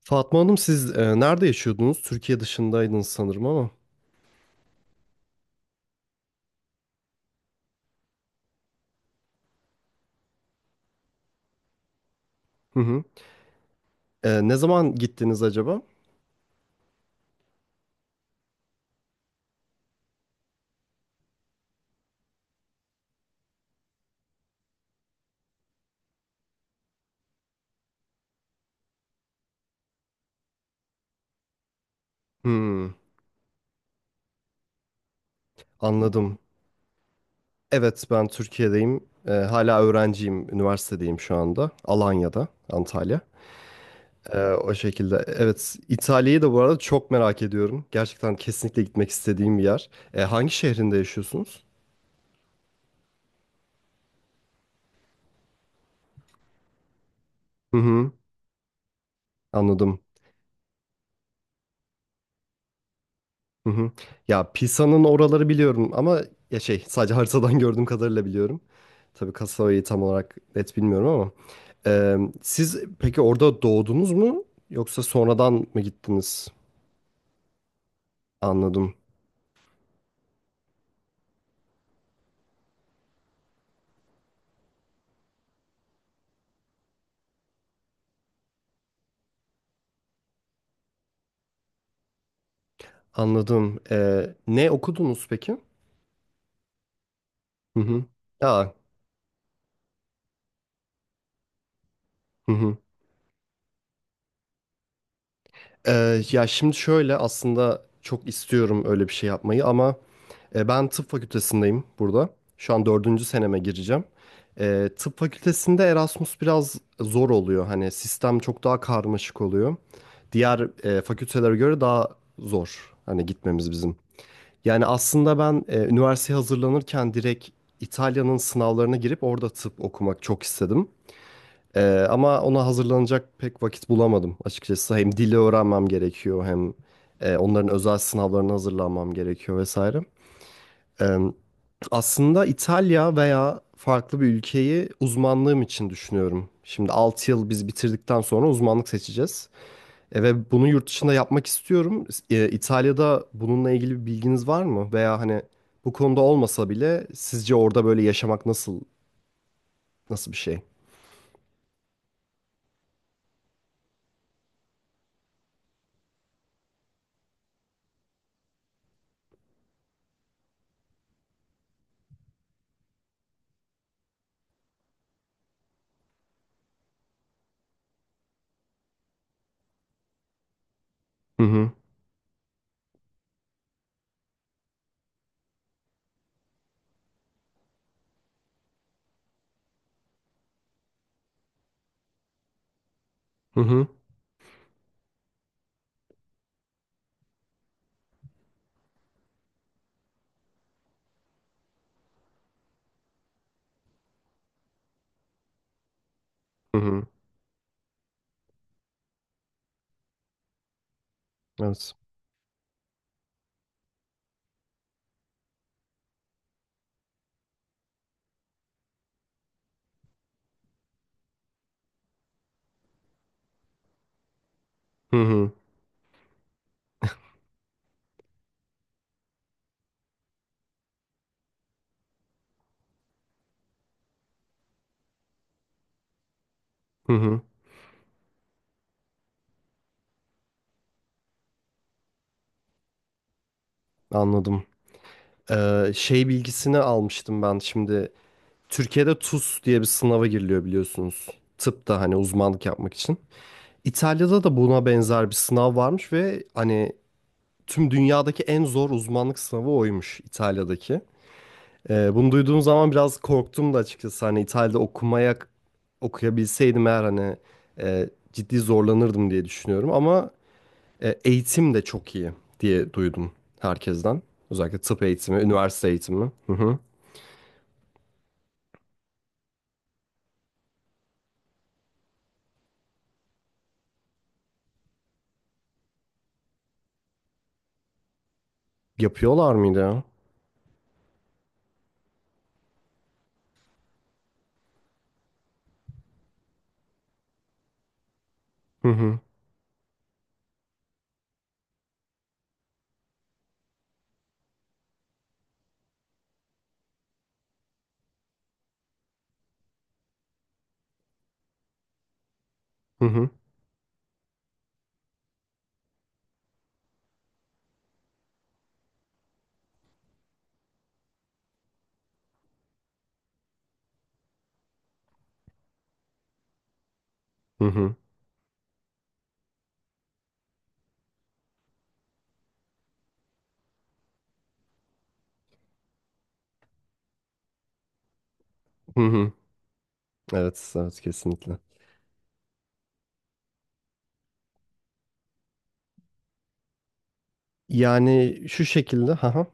Fatma Hanım siz nerede yaşıyordunuz? Türkiye dışındaydınız sanırım ama. Hı hı. Ne zaman gittiniz acaba? Hmm, anladım. Evet ben Türkiye'deyim. Hala öğrenciyim. Üniversitedeyim şu anda. Alanya'da, Antalya. O şekilde. Evet İtalya'yı da bu arada çok merak ediyorum. Gerçekten kesinlikle gitmek istediğim bir yer. Hangi şehrinde yaşıyorsunuz? Hı hı, anladım. Hı hı. Ya Pisa'nın oraları biliyorum ama ya şey sadece haritadan gördüğüm kadarıyla biliyorum. Tabii kasabayı tam olarak net bilmiyorum ama. Siz peki orada doğdunuz mu yoksa sonradan mı gittiniz? Anladım. Anladım. Ne okudunuz peki? Hı hı. Aa, hı hı. Ya şimdi şöyle aslında çok istiyorum öyle bir şey yapmayı ama ben tıp fakültesindeyim burada. Şu an dördüncü seneme gireceğim. Tıp fakültesinde Erasmus biraz zor oluyor. Hani sistem çok daha karmaşık oluyor. Diğer fakültelere göre daha zor. Hani gitmemiz bizim. Yani aslında ben üniversiteye hazırlanırken direkt İtalya'nın sınavlarına girip orada tıp okumak çok istedim. Ama ona hazırlanacak pek vakit bulamadım açıkçası. Hem dili öğrenmem gerekiyor hem onların özel sınavlarına hazırlanmam gerekiyor vesaire. Aslında İtalya veya farklı bir ülkeyi uzmanlığım için düşünüyorum. Şimdi 6 yıl biz bitirdikten sonra uzmanlık seçeceğiz. Ve bunu yurt dışında yapmak istiyorum. İtalya'da bununla ilgili bir bilginiz var mı? Veya hani bu konuda olmasa bile sizce orada böyle yaşamak nasıl bir şey? Hı hı. Hı hı. Hı hı. Evet. Hı hı. Hı hı. Anladım. Şey bilgisini almıştım ben şimdi. Türkiye'de TUS diye bir sınava giriliyor biliyorsunuz. Tıpta hani uzmanlık yapmak için. İtalya'da da buna benzer bir sınav varmış ve hani tüm dünyadaki en zor uzmanlık sınavı oymuş İtalya'daki. Bunu duyduğum zaman biraz korktum da açıkçası hani İtalya'da okuyabilseydim eğer hani ciddi zorlanırdım diye düşünüyorum ama eğitim de çok iyi diye duydum herkesten. Özellikle tıp eğitimi, üniversite eğitimi. Hı hı. Yapıyorlar mıydı ya? Hı hı. Hı hı. Hı hı. Hı hı. Evet, evet kesinlikle. Yani şu şekilde. Hı hı.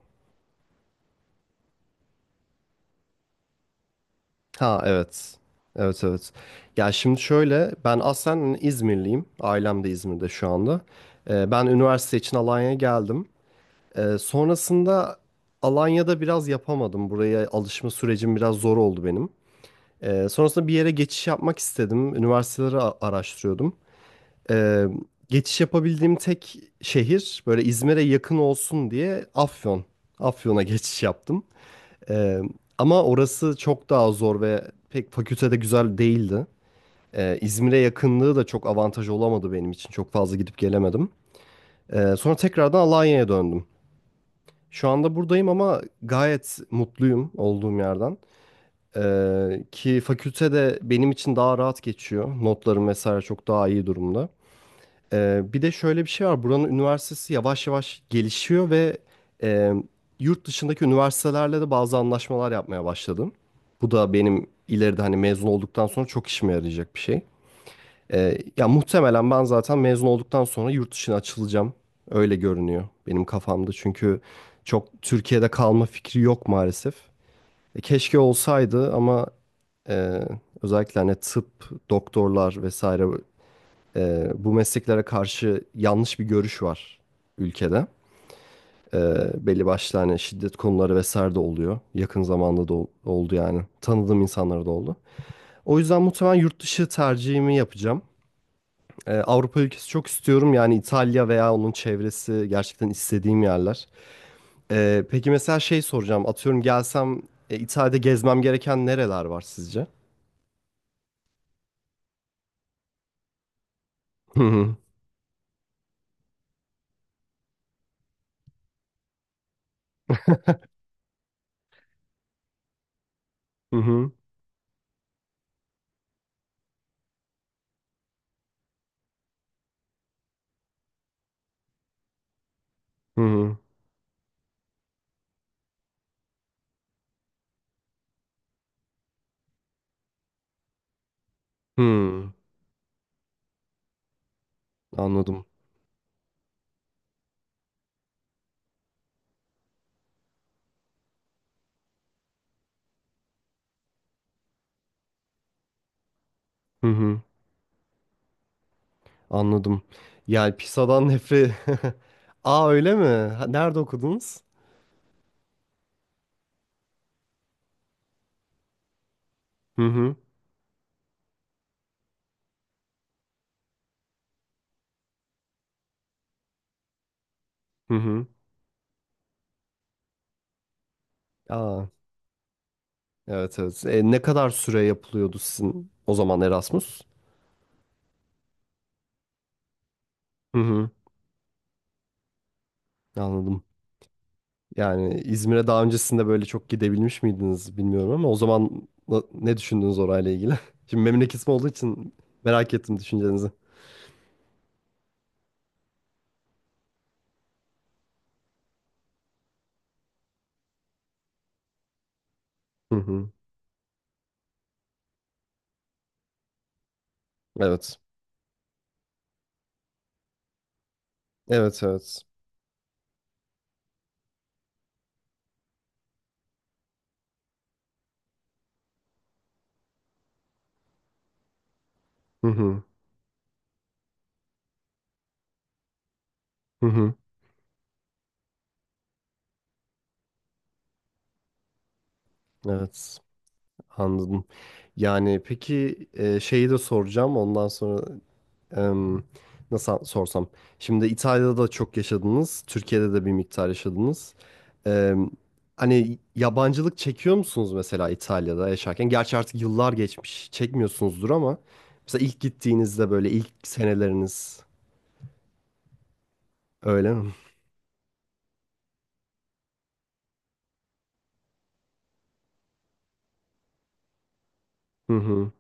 Ha evet. Evet evet. Ya şimdi şöyle ben aslen İzmirliyim. Ailem de İzmir'de şu anda. Ben üniversite için Alanya'ya geldim. Sonrasında Alanya'da biraz yapamadım. Buraya alışma sürecim biraz zor oldu benim. Sonrasında bir yere geçiş yapmak istedim. Üniversiteleri araştırıyordum. Ee, Geçiş yapabildiğim tek şehir böyle İzmir'e yakın olsun diye Afyon. Afyon'a geçiş yaptım. Ee, Ama orası çok daha zor ve pek fakültede güzel değildi. İzmir'e yakınlığı da çok avantaj olamadı benim için. Çok fazla gidip gelemedim. Sonra tekrardan Alanya'ya döndüm. Şu anda buradayım ama gayet mutluyum olduğum yerden. Ki fakültede benim için daha rahat geçiyor. Notlarım vesaire çok daha iyi durumda. Bir de şöyle bir şey var. Buranın üniversitesi yavaş yavaş gelişiyor ve e, yurt dışındaki üniversitelerle de bazı anlaşmalar yapmaya başladım. Bu da benim ileride hani mezun olduktan sonra çok işime yarayacak bir şey. Ya muhtemelen ben zaten mezun olduktan sonra yurt dışına açılacağım. Öyle görünüyor benim kafamda. Çünkü çok Türkiye'de kalma fikri yok maalesef. Keşke olsaydı ama e, özellikle hani tıp, doktorlar vesaire bu mesleklere karşı yanlış bir görüş var ülkede. Belli başlı hani şiddet konuları vesaire de oluyor. Yakın zamanda da oldu yani. Tanıdığım insanlara da oldu. O yüzden muhtemelen yurt dışı tercihimi yapacağım. Avrupa ülkesi çok istiyorum. Yani İtalya veya onun çevresi gerçekten istediğim yerler. Peki mesela şey soracağım. Atıyorum gelsem İtalya'da gezmem gereken nereler var sizce? Hı hı. Hı hı. Hı hı. Hı. Anladım. Hı hı. Anladım. Yani PISA'dan nefret. Aa öyle mi? Ha, nerede okudunuz? Hı hı. Hı hı. Aa evet evet. Ne kadar süre yapılıyordu sizin o zaman Erasmus? Hı hı. Anladım. Yani İzmir'e daha öncesinde böyle çok gidebilmiş miydiniz bilmiyorum ama o zaman ne düşündünüz orayla ilgili? Şimdi memleketim olduğu için merak ettim düşüncenizi. Hı hı. Evet. Evet evet. Hı hı. Hı hı. Evet. Anladım. Yani peki şeyi de soracağım. Ondan sonra em, nasıl sorsam. Şimdi İtalya'da da çok yaşadınız. Türkiye'de de bir miktar yaşadınız. Em, Hani yabancılık çekiyor musunuz mesela İtalya'da yaşarken? Gerçi artık yıllar geçmiş. Çekmiyorsunuzdur ama mesela ilk gittiğinizde böyle ilk seneleriniz öyle mi? Hı hı.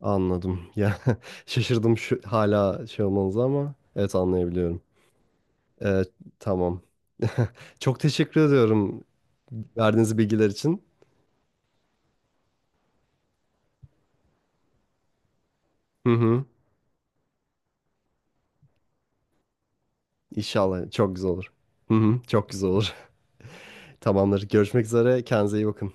Anladım. Ya şaşırdım şu hala şey olmanıza ama evet anlayabiliyorum. E, tamam. Çok teşekkür ediyorum verdiğiniz bilgiler için. Hı hı. İnşallah çok güzel olur. Hı hı. Çok güzel olur. Tamamdır. Görüşmek üzere. Kendinize iyi bakın.